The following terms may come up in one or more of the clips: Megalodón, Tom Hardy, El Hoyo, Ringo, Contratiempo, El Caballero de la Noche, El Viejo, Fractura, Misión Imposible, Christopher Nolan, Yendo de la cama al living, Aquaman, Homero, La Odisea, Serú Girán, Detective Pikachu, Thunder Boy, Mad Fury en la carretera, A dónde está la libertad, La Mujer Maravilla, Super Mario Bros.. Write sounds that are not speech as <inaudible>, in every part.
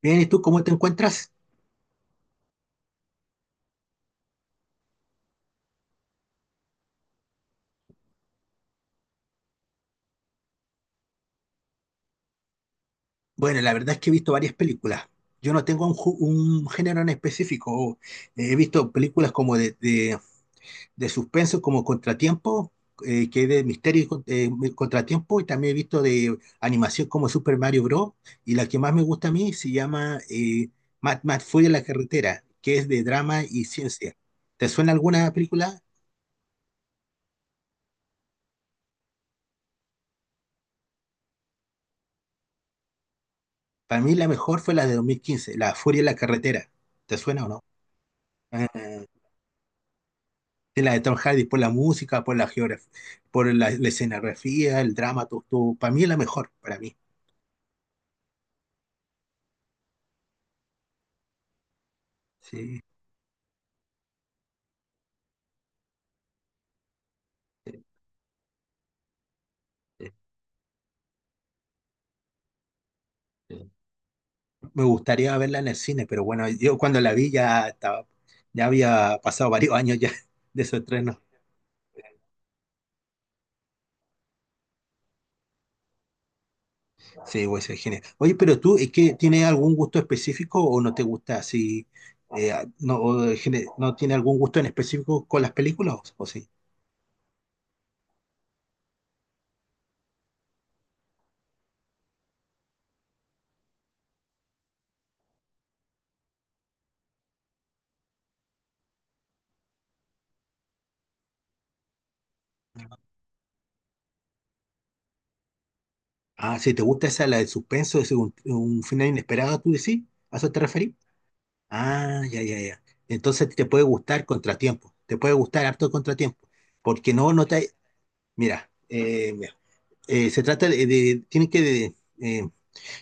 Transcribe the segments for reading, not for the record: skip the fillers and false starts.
Bien, ¿y tú cómo te encuentras? Bueno, la verdad es que he visto varias películas. Yo no tengo un género en específico. He visto películas como de suspenso, como Contratiempo, que es de misterio Contratiempo, y también he visto de animación como Super Mario Bros. Y la que más me gusta a mí se llama Mad Fury en la carretera, que es de drama y ciencia. ¿Te suena alguna película? Para mí la mejor fue la de 2015, La Furia en la carretera. ¿Te suena o no? En la de Tom Hardy, por la música, por la geografía, por la escenografía, el drama, todo, todo. Para mí es la mejor, para mí. Sí. Me gustaría verla en el cine, pero bueno, yo cuando la vi ya estaba, ya había pasado varios años ya <laughs> de su estreno. Sí, güey, ser genial. Oye, pero tú, ¿es que tienes algún gusto específico o no te gusta así? eh, no, ¿No tiene algún gusto en específico con las películas o sí? Ah, si te gusta esa, la de suspenso, es un final inesperado, tú decís, ¿a eso te referís? Ah, ya, ya, ya. Entonces te puede gustar Contratiempo, te puede gustar harto Contratiempo, porque no, no te... Mira, mira, se trata tienen que, de- eh,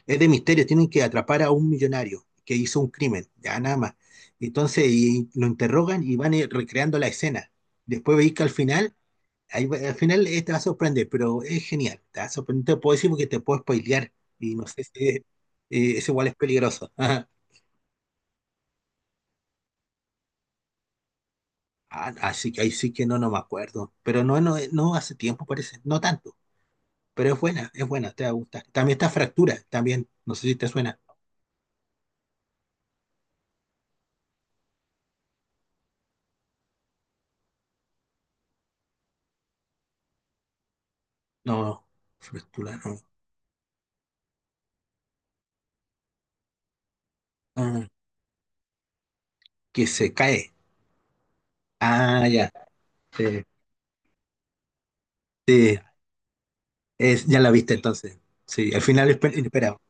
es de misterio, tienen que atrapar a un millonario que hizo un crimen, ya nada más. Entonces y lo interrogan y van recreando la escena. Después veis que al final, ahí va- al final te va a sorprender, pero es genial, te va a sorprender. No te puedo decir porque te puedo spoilear y no sé si es, es igual es peligroso. <laughs> Ah, así que ahí sí que no, no me acuerdo. Pero no, no, no hace tiempo parece, no tanto. Pero es buena, te va a gustar. También está Fractura, también, no sé si te suena. No, Fractura no. Ah, que se cae. Ah, ya. Sí, sí, es, ya la viste entonces. Sí, al final es inesperado.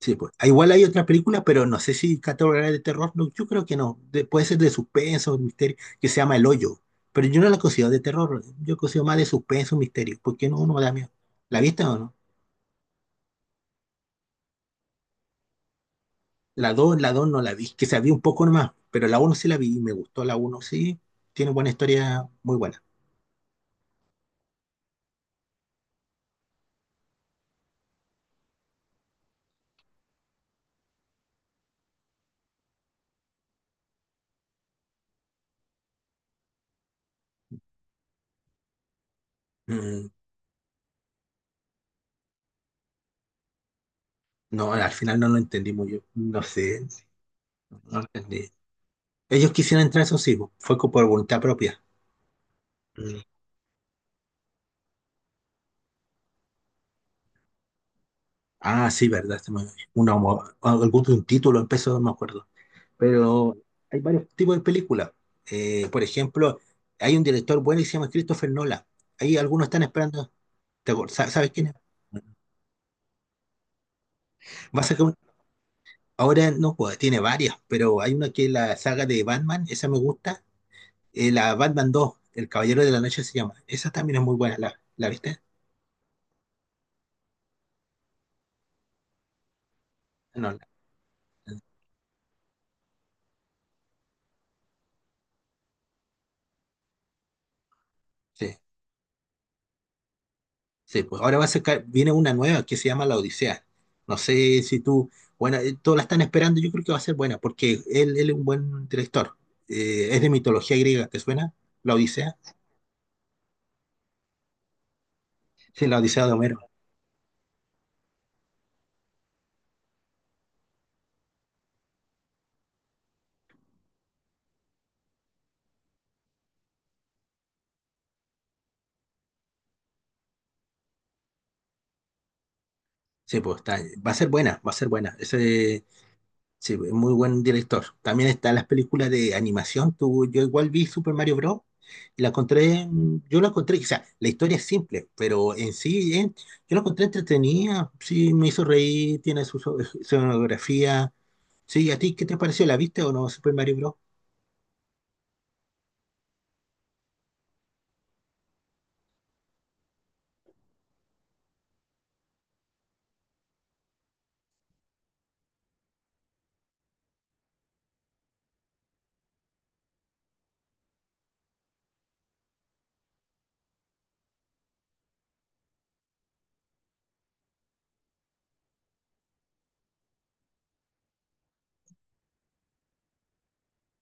Sí, pues. Ah, igual hay otras películas, pero no sé si categoría de terror. No, yo creo que no. De- puede ser de suspenso, misterio, que se llama El Hoyo. Pero yo no la considero de terror. Yo considero más de suspenso, misterio. ¿Porque no? No me da miedo. ¿La viste o no? La 2 no la vi. Que se había un poco nomás. Pero la uno sí la vi y me gustó la uno. Sí, tiene buena historia, muy buena. Mm, no, al final no lo entendí muy bien. No sé, no lo entendí. Ellos quisieron entrar, eso sí, fue co- por voluntad propia. Mm, Ah, sí, verdad, una, algún un título en peso, no me acuerdo. Pero hay varios tipos de películas. Por ejemplo, hay un director bueno que se llama Christopher Nolan. Ahí algunos están esperando. ¿Sabes quién es? Va a sacar un- ahora no, pues, tiene varias, pero hay una que es la saga de Batman, esa me gusta. La Batman 2, El Caballero de la Noche se llama. Esa también es muy buena, ¿la, la viste? No, la- sí. Sí, pues ahora va a sacar, viene una nueva que se llama La Odisea. No sé si tú, bueno, todos la están esperando, yo creo que va a ser buena, porque él es un buen director. Es de mitología griega, ¿te suena? La Odisea. Sí, La Odisea de Homero. Sí, pues está, va a ser buena, va a ser buena. Ese, sí, es muy buen director. También están las películas de animación. Tú, yo igual vi Super Mario Bros. Y la encontré, mm, yo la encontré, o sea, la historia es simple, pero en sí, yo la encontré entretenida. Sí, me hizo reír, tiene su escenografía. Sí, ¿a ti qué te pareció? ¿La viste o no, Super Mario Bros.?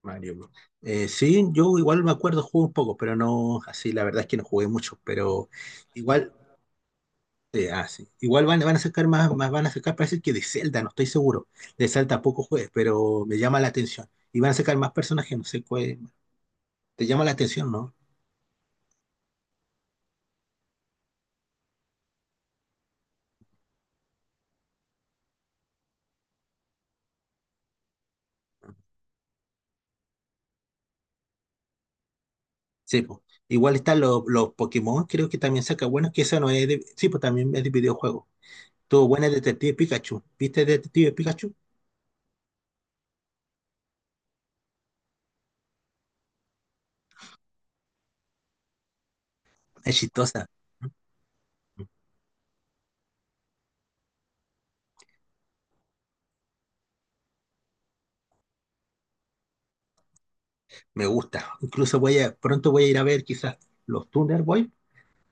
Mario Bros. Sí, yo igual me acuerdo, jugué un poco, pero no, así la verdad es que no jugué mucho, pero igual. Sí, ah, sí. Igual van a sacar van a sacar, parece que de Zelda, no estoy seguro. De Zelda poco juegues, pero me llama la atención. Y van a sacar más personajes, no sé cuál. Te llama la atención, ¿no? Sí, pues. Igual están los Pokémon, creo que también saca bueno que esa no es de. Sí, pues también es de videojuego. Tuvo buena Detective Pikachu. ¿Viste Detective Pikachu? Es chistosa, me gusta. Incluso voy a, pronto voy a ir a ver quizás los Thunder Boy.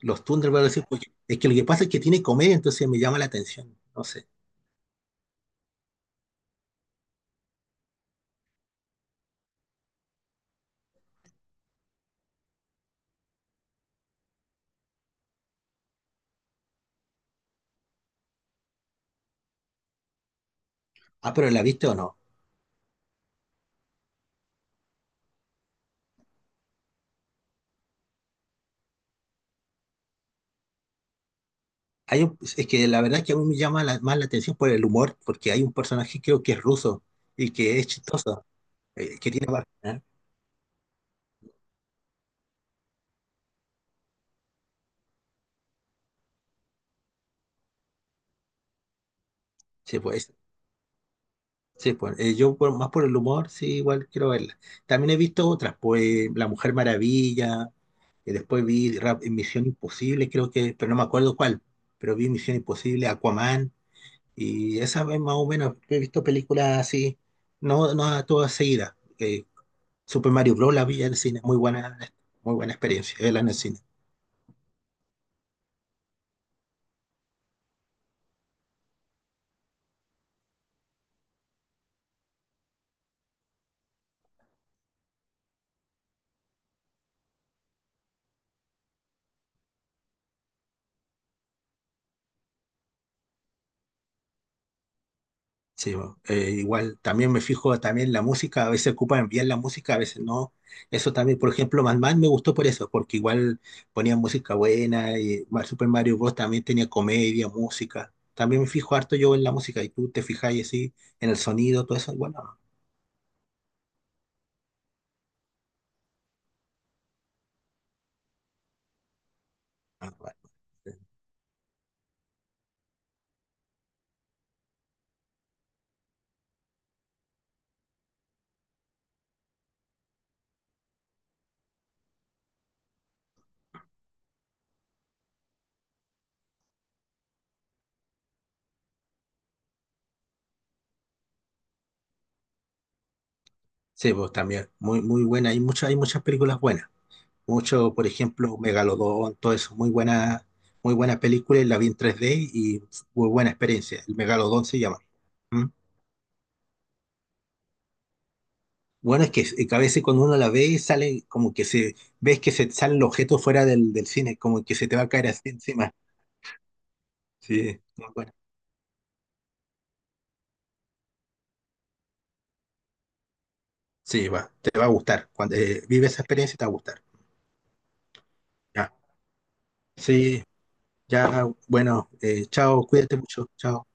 Los Thunder Boy, voy a decir, "Oye, es que lo que pasa es que tiene comedia, entonces me llama la atención. No sé. Ah, pero ¿la viste o no? Hay un- es que la verdad es que a mí me más la atención por el humor, porque hay un personaje creo que es ruso y que es chistoso, que tiene para... ¿eh? Sí, pues, sí, pues, yo por- más por el humor, sí, igual quiero verla. También he visto otras, pues La Mujer Maravilla, y después vi Ra- Misión Imposible, creo que, pero no me acuerdo cuál, pero vi Misión Imposible, Aquaman, y esa vez más o menos he visto películas así, no, no a todas seguidas. Super Mario Bros. La vi en el cine, muy buena experiencia, verla en el cine. Sí, bo. Igual también me fijo también la música, a veces ocupan bien la música, a veces no. Eso también, por ejemplo, Madman me gustó por eso, porque igual ponían música buena y Mar- Super Mario Bros. También tenía comedia, música. También me fijo harto yo en la música y tú te fijáis así en el sonido, todo eso. Bueno, ah, bueno. eh, sí, pues también, muy, muy buena. Hay muchas películas buenas. Mucho, por ejemplo, Megalodón, todo eso, muy buena película, y la vi en 3D y muy buena experiencia. El Megalodón se llama. Bueno, es que a veces cuando uno la ve y sale como que se ves que se salen el objeto fuera del, del cine, como que se te va a caer así encima. Sí, no, bueno, sí, va, te va a gustar. Cuando vive esa experiencia te va a gustar. Ya. Sí, ya, bueno, chao, cuídate mucho, chao.